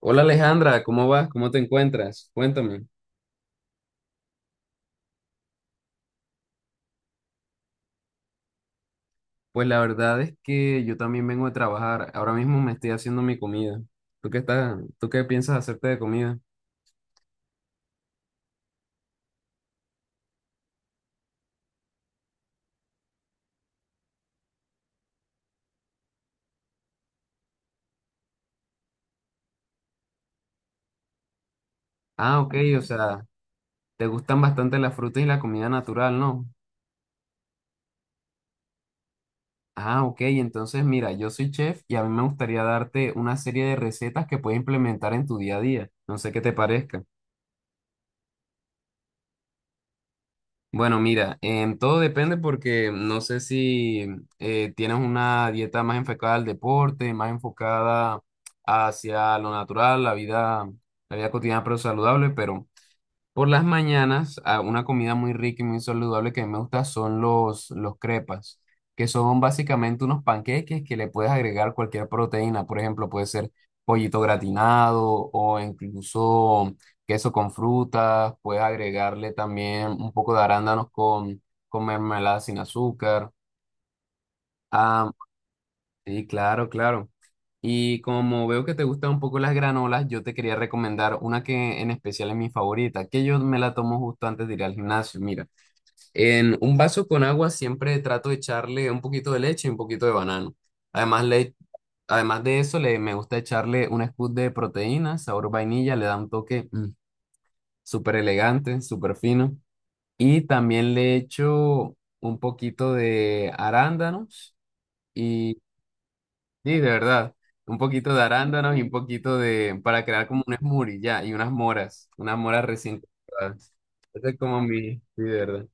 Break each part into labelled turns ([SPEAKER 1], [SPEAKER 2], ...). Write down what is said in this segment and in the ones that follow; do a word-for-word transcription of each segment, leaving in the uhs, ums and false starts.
[SPEAKER 1] Hola Alejandra, ¿cómo vas? ¿Cómo te encuentras? Cuéntame. Pues la verdad es que yo también vengo a trabajar. Ahora mismo me estoy haciendo mi comida. ¿Tú qué estás? ¿Tú qué piensas hacerte de comida? Ah, ok, o sea, te gustan bastante las frutas y la comida natural, ¿no? Ah, ok, entonces mira, yo soy chef y a mí me gustaría darte una serie de recetas que puedes implementar en tu día a día. No sé qué te parezca. Bueno, mira, em, todo depende porque no sé si eh, tienes una dieta más enfocada al deporte, más enfocada hacia lo natural, la vida, la vida cotidiana pero saludable, pero por las mañanas, a una comida muy rica y muy saludable que a mí me gusta son los, los crepas, que son básicamente unos panqueques que le puedes agregar cualquier proteína. Por ejemplo, puede ser pollito gratinado o incluso queso con frutas. Puedes agregarle también un poco de arándanos con, con mermelada sin azúcar. Ah, sí, claro, claro. Y como veo que te gustan un poco las granolas, yo te quería recomendar una que en especial es mi favorita, que yo me la tomo justo antes de ir al gimnasio. Mira, en un vaso con agua siempre trato de echarle un poquito de leche y un poquito de banano. Además, le, además de eso, le, me gusta echarle un scoop de proteína, sabor vainilla, le da un toque mm, súper elegante, súper fino. Y también le echo un poquito de arándanos. Sí, de verdad. Un poquito de arándanos y un poquito de, para crear como un smoothie, ya, y unas moras, unas moras recién cortadas. Ese es como mi, sí, de verdad.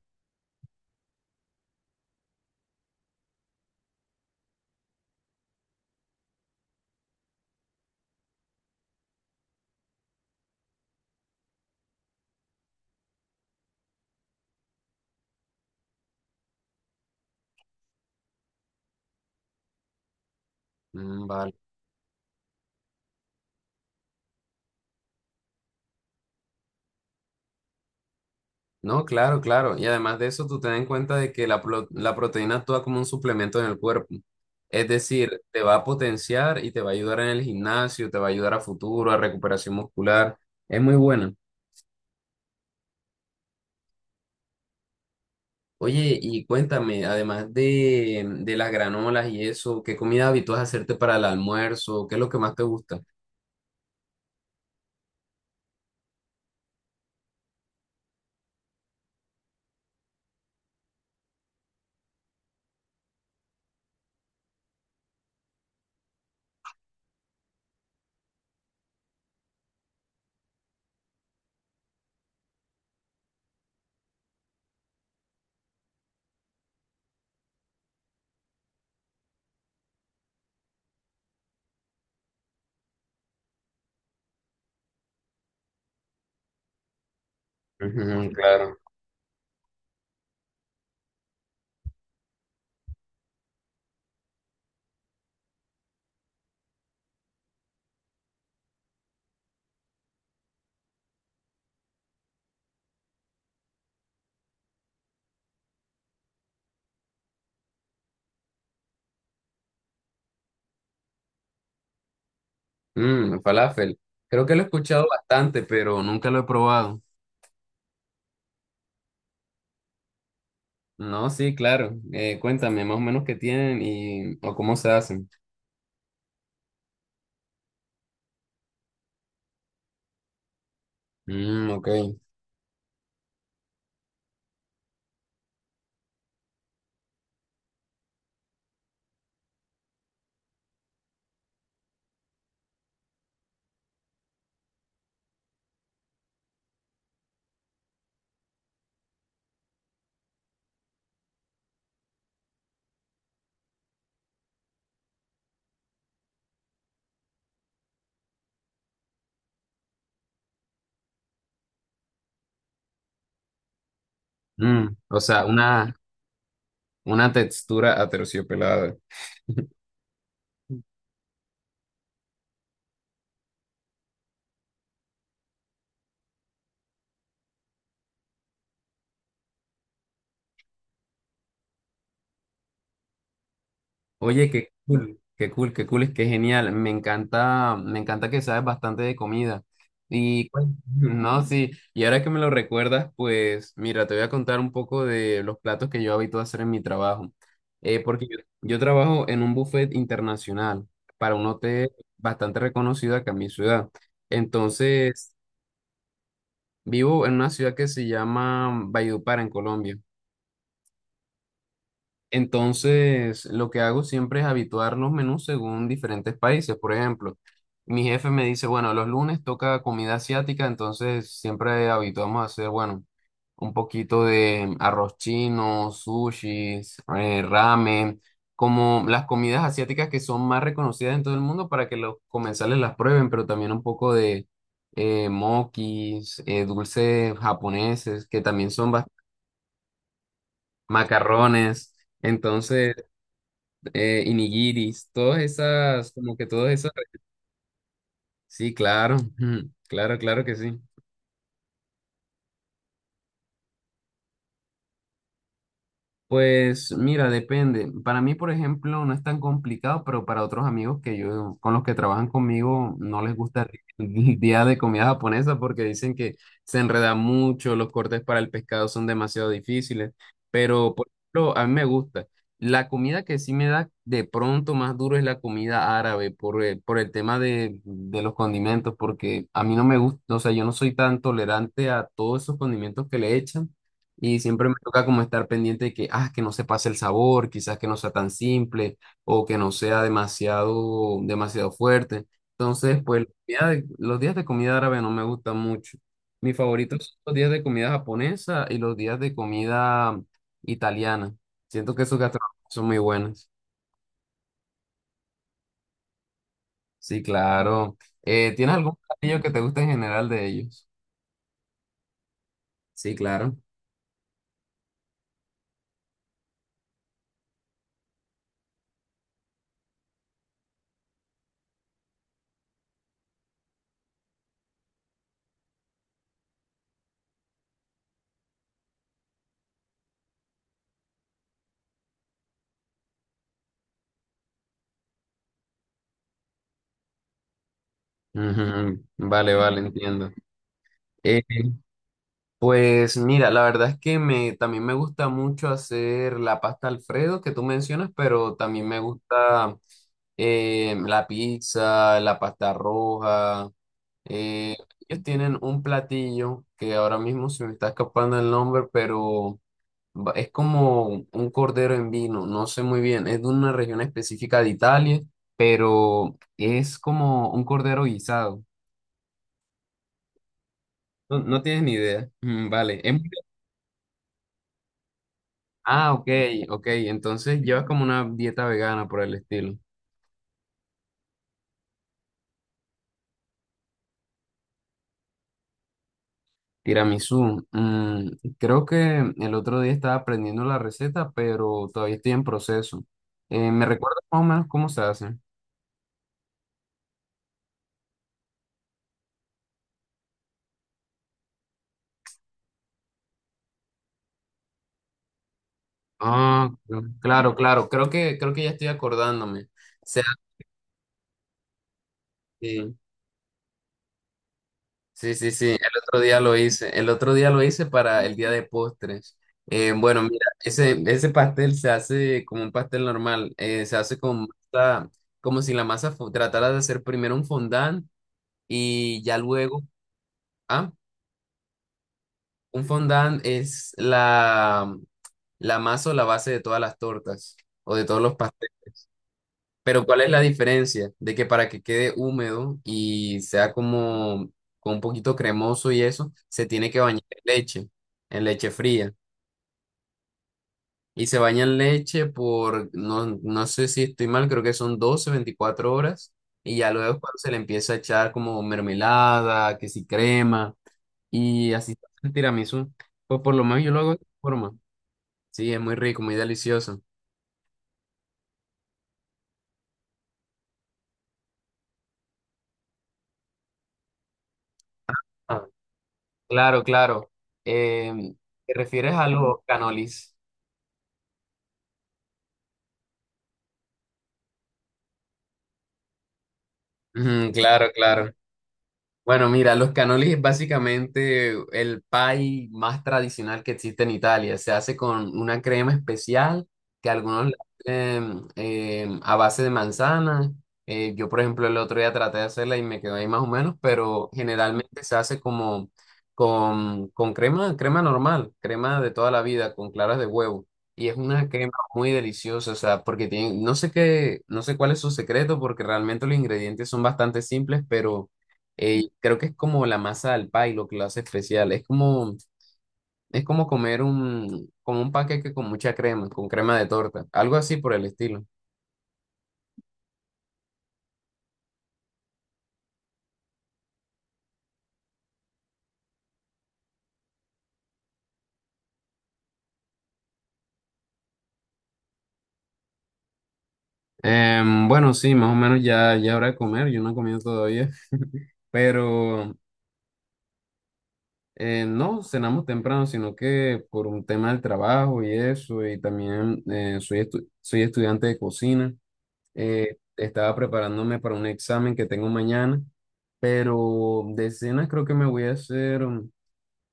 [SPEAKER 1] Mm, vale. No, claro, claro. Y además de eso, tú ten en cuenta de que la, pro- la proteína actúa como un suplemento en el cuerpo. Es decir, te va a potenciar y te va a ayudar en el gimnasio, te va a ayudar a futuro, a recuperación muscular. Es muy buena. Oye, y cuéntame, además de, de las granolas y eso, ¿qué comida habitúas a hacerte para el almuerzo? ¿Qué es lo que más te gusta? Ujú, claro. Mmm, falafel. Creo que lo he escuchado bastante, pero nunca lo he probado. No, sí, claro. Eh, cuéntame más o menos qué tienen y o cómo se hacen. Mmm, ok. Mm, o sea, una, una textura aterciopelada. Oye, qué cool, qué cool, qué cool, es que genial. Me encanta, me encanta que sabes bastante de comida. Y bueno, no, sí, y ahora que me lo recuerdas, pues mira, te voy a contar un poco de los platos que yo habito a hacer en mi trabajo. Eh, porque yo, yo trabajo en un buffet internacional para un hotel bastante reconocido acá en mi ciudad. Entonces, vivo en una ciudad que se llama Valledupar, en Colombia. Entonces, lo que hago siempre es habituar los menús según diferentes países. Por ejemplo, mi jefe me dice, bueno, los lunes toca comida asiática, entonces siempre habituamos a hacer, bueno, un poquito de arroz chino, sushis, eh, ramen, como las comidas asiáticas que son más reconocidas en todo el mundo para que los comensales las prueben, pero también un poco de eh, mokis, eh, dulces japoneses, que también son bas- macarrones. Entonces eh, y nigiris, todas esas, como que todas esas. Sí, claro, claro, claro que sí. Pues mira, depende. Para mí, por ejemplo, no es tan complicado, pero para otros amigos que yo, con los que trabajan conmigo, no les gusta el día de comida japonesa porque dicen que se enreda mucho, los cortes para el pescado son demasiado difíciles. Pero, por ejemplo, a mí me gusta. La comida que sí me da de pronto más duro es la comida árabe por el, por el tema de, de los condimentos, porque a mí no me gusta, o sea, yo no soy tan tolerante a todos esos condimentos que le echan. Y siempre me toca como estar pendiente de que, ah, que no se pase el sabor, quizás que no sea tan simple o que no sea demasiado, demasiado fuerte. Entonces, pues los días de, los días de comida árabe no me gustan mucho. Mis favoritos son los días de comida japonesa y los días de comida italiana. Siento que esos gastronomías son muy buenos. Sí, claro. Eh, ¿tienes algún platillo que te guste en general de ellos? Sí, claro. Ujú, vale, vale, entiendo. Eh, Pues mira, la verdad es que me, también me gusta mucho hacer la pasta Alfredo que tú mencionas, pero también me gusta eh, la pizza, la pasta roja. Eh, ellos tienen un platillo que ahora mismo se me está escapando el nombre, pero va- es como un cordero en vino, no sé muy bien, es de una región específica de Italia, pero es como un cordero guisado. No, no tienes ni idea. Mm, vale, es ah, ok, ok. Entonces llevas como una dieta vegana por el estilo. Tiramisú. Mm, creo que el otro día estaba aprendiendo la receta, pero todavía estoy en proceso. Eh, ¿me recuerdas más o menos cómo se hace? Ah, claro, claro. Creo que, creo que ya estoy acordándome. O sea, eh, Sí, sí, sí, el otro día lo hice, el otro día lo hice para el día de postres. Eh, bueno, mira, ese, ese pastel se hace como un pastel normal, eh, se hace con masa, como si la masa fu- tratara de hacer primero un fondant y ya luego, ah, un fondant es la, la masa o la base de todas las tortas o de todos los pasteles. Pero ¿cuál es la diferencia? De que para que quede húmedo y sea como con un poquito cremoso y eso, se tiene que bañar en leche, en leche fría. Y se baña en leche por, no, no sé si estoy mal, creo que son doce veinticuatro horas. Y ya luego es cuando se le empieza a echar como mermelada, que si crema, y así se hace el tiramisú. Pues por lo menos yo lo hago de esta forma. Sí, es muy rico, muy delicioso. Ah, claro, claro. Em, ¿te refieres a los canolis? Ujú, claro, claro. Bueno, mira, los cannoli es básicamente el pie más tradicional que existe en Italia. Se hace con una crema especial que algunos le hacen eh, a base de manzana. Eh, yo, por ejemplo, el otro día traté de hacerla y me quedó ahí más o menos, pero generalmente se hace como con, con crema, crema normal, crema de toda la vida, con claras de huevo. Y es una crema muy deliciosa, o sea, porque tiene, no sé qué, no sé cuál es su secreto, porque realmente los ingredientes son bastante simples, pero eh, creo que es como la masa al pay lo que lo hace especial. Es como, es como comer un, como un paquete con mucha crema, con crema de torta, algo así por el estilo. Em, bueno, sí, más o menos ya, ya hora de comer, yo no he comido todavía, pero eh, no cenamos temprano, sino que por un tema del trabajo y eso, y también eh, soy, estu- soy estudiante de cocina, eh, estaba preparándome para un examen que tengo mañana, pero de cenas creo que me voy a hacer...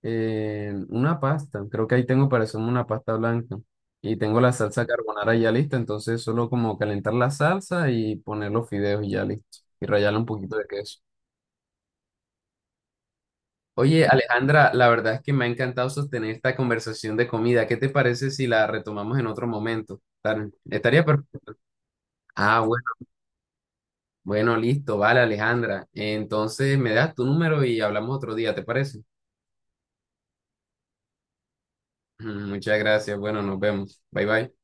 [SPEAKER 1] Eh, una pasta, creo que ahí tengo para hacerme una pasta blanca. Y tengo la salsa carbonara ya lista, entonces solo como calentar la salsa y poner los fideos y ya listo. Y rallarle un poquito de queso. Oye, Alejandra, la verdad es que me ha encantado sostener esta conversación de comida. ¿Qué te parece si la retomamos en otro momento? Estar- Estaría perfecto. Ah, bueno, bueno, listo, vale, Alejandra. Entonces me das tu número y hablamos otro día, ¿te parece? Muchas gracias. Bueno, nos vemos. Bye bye.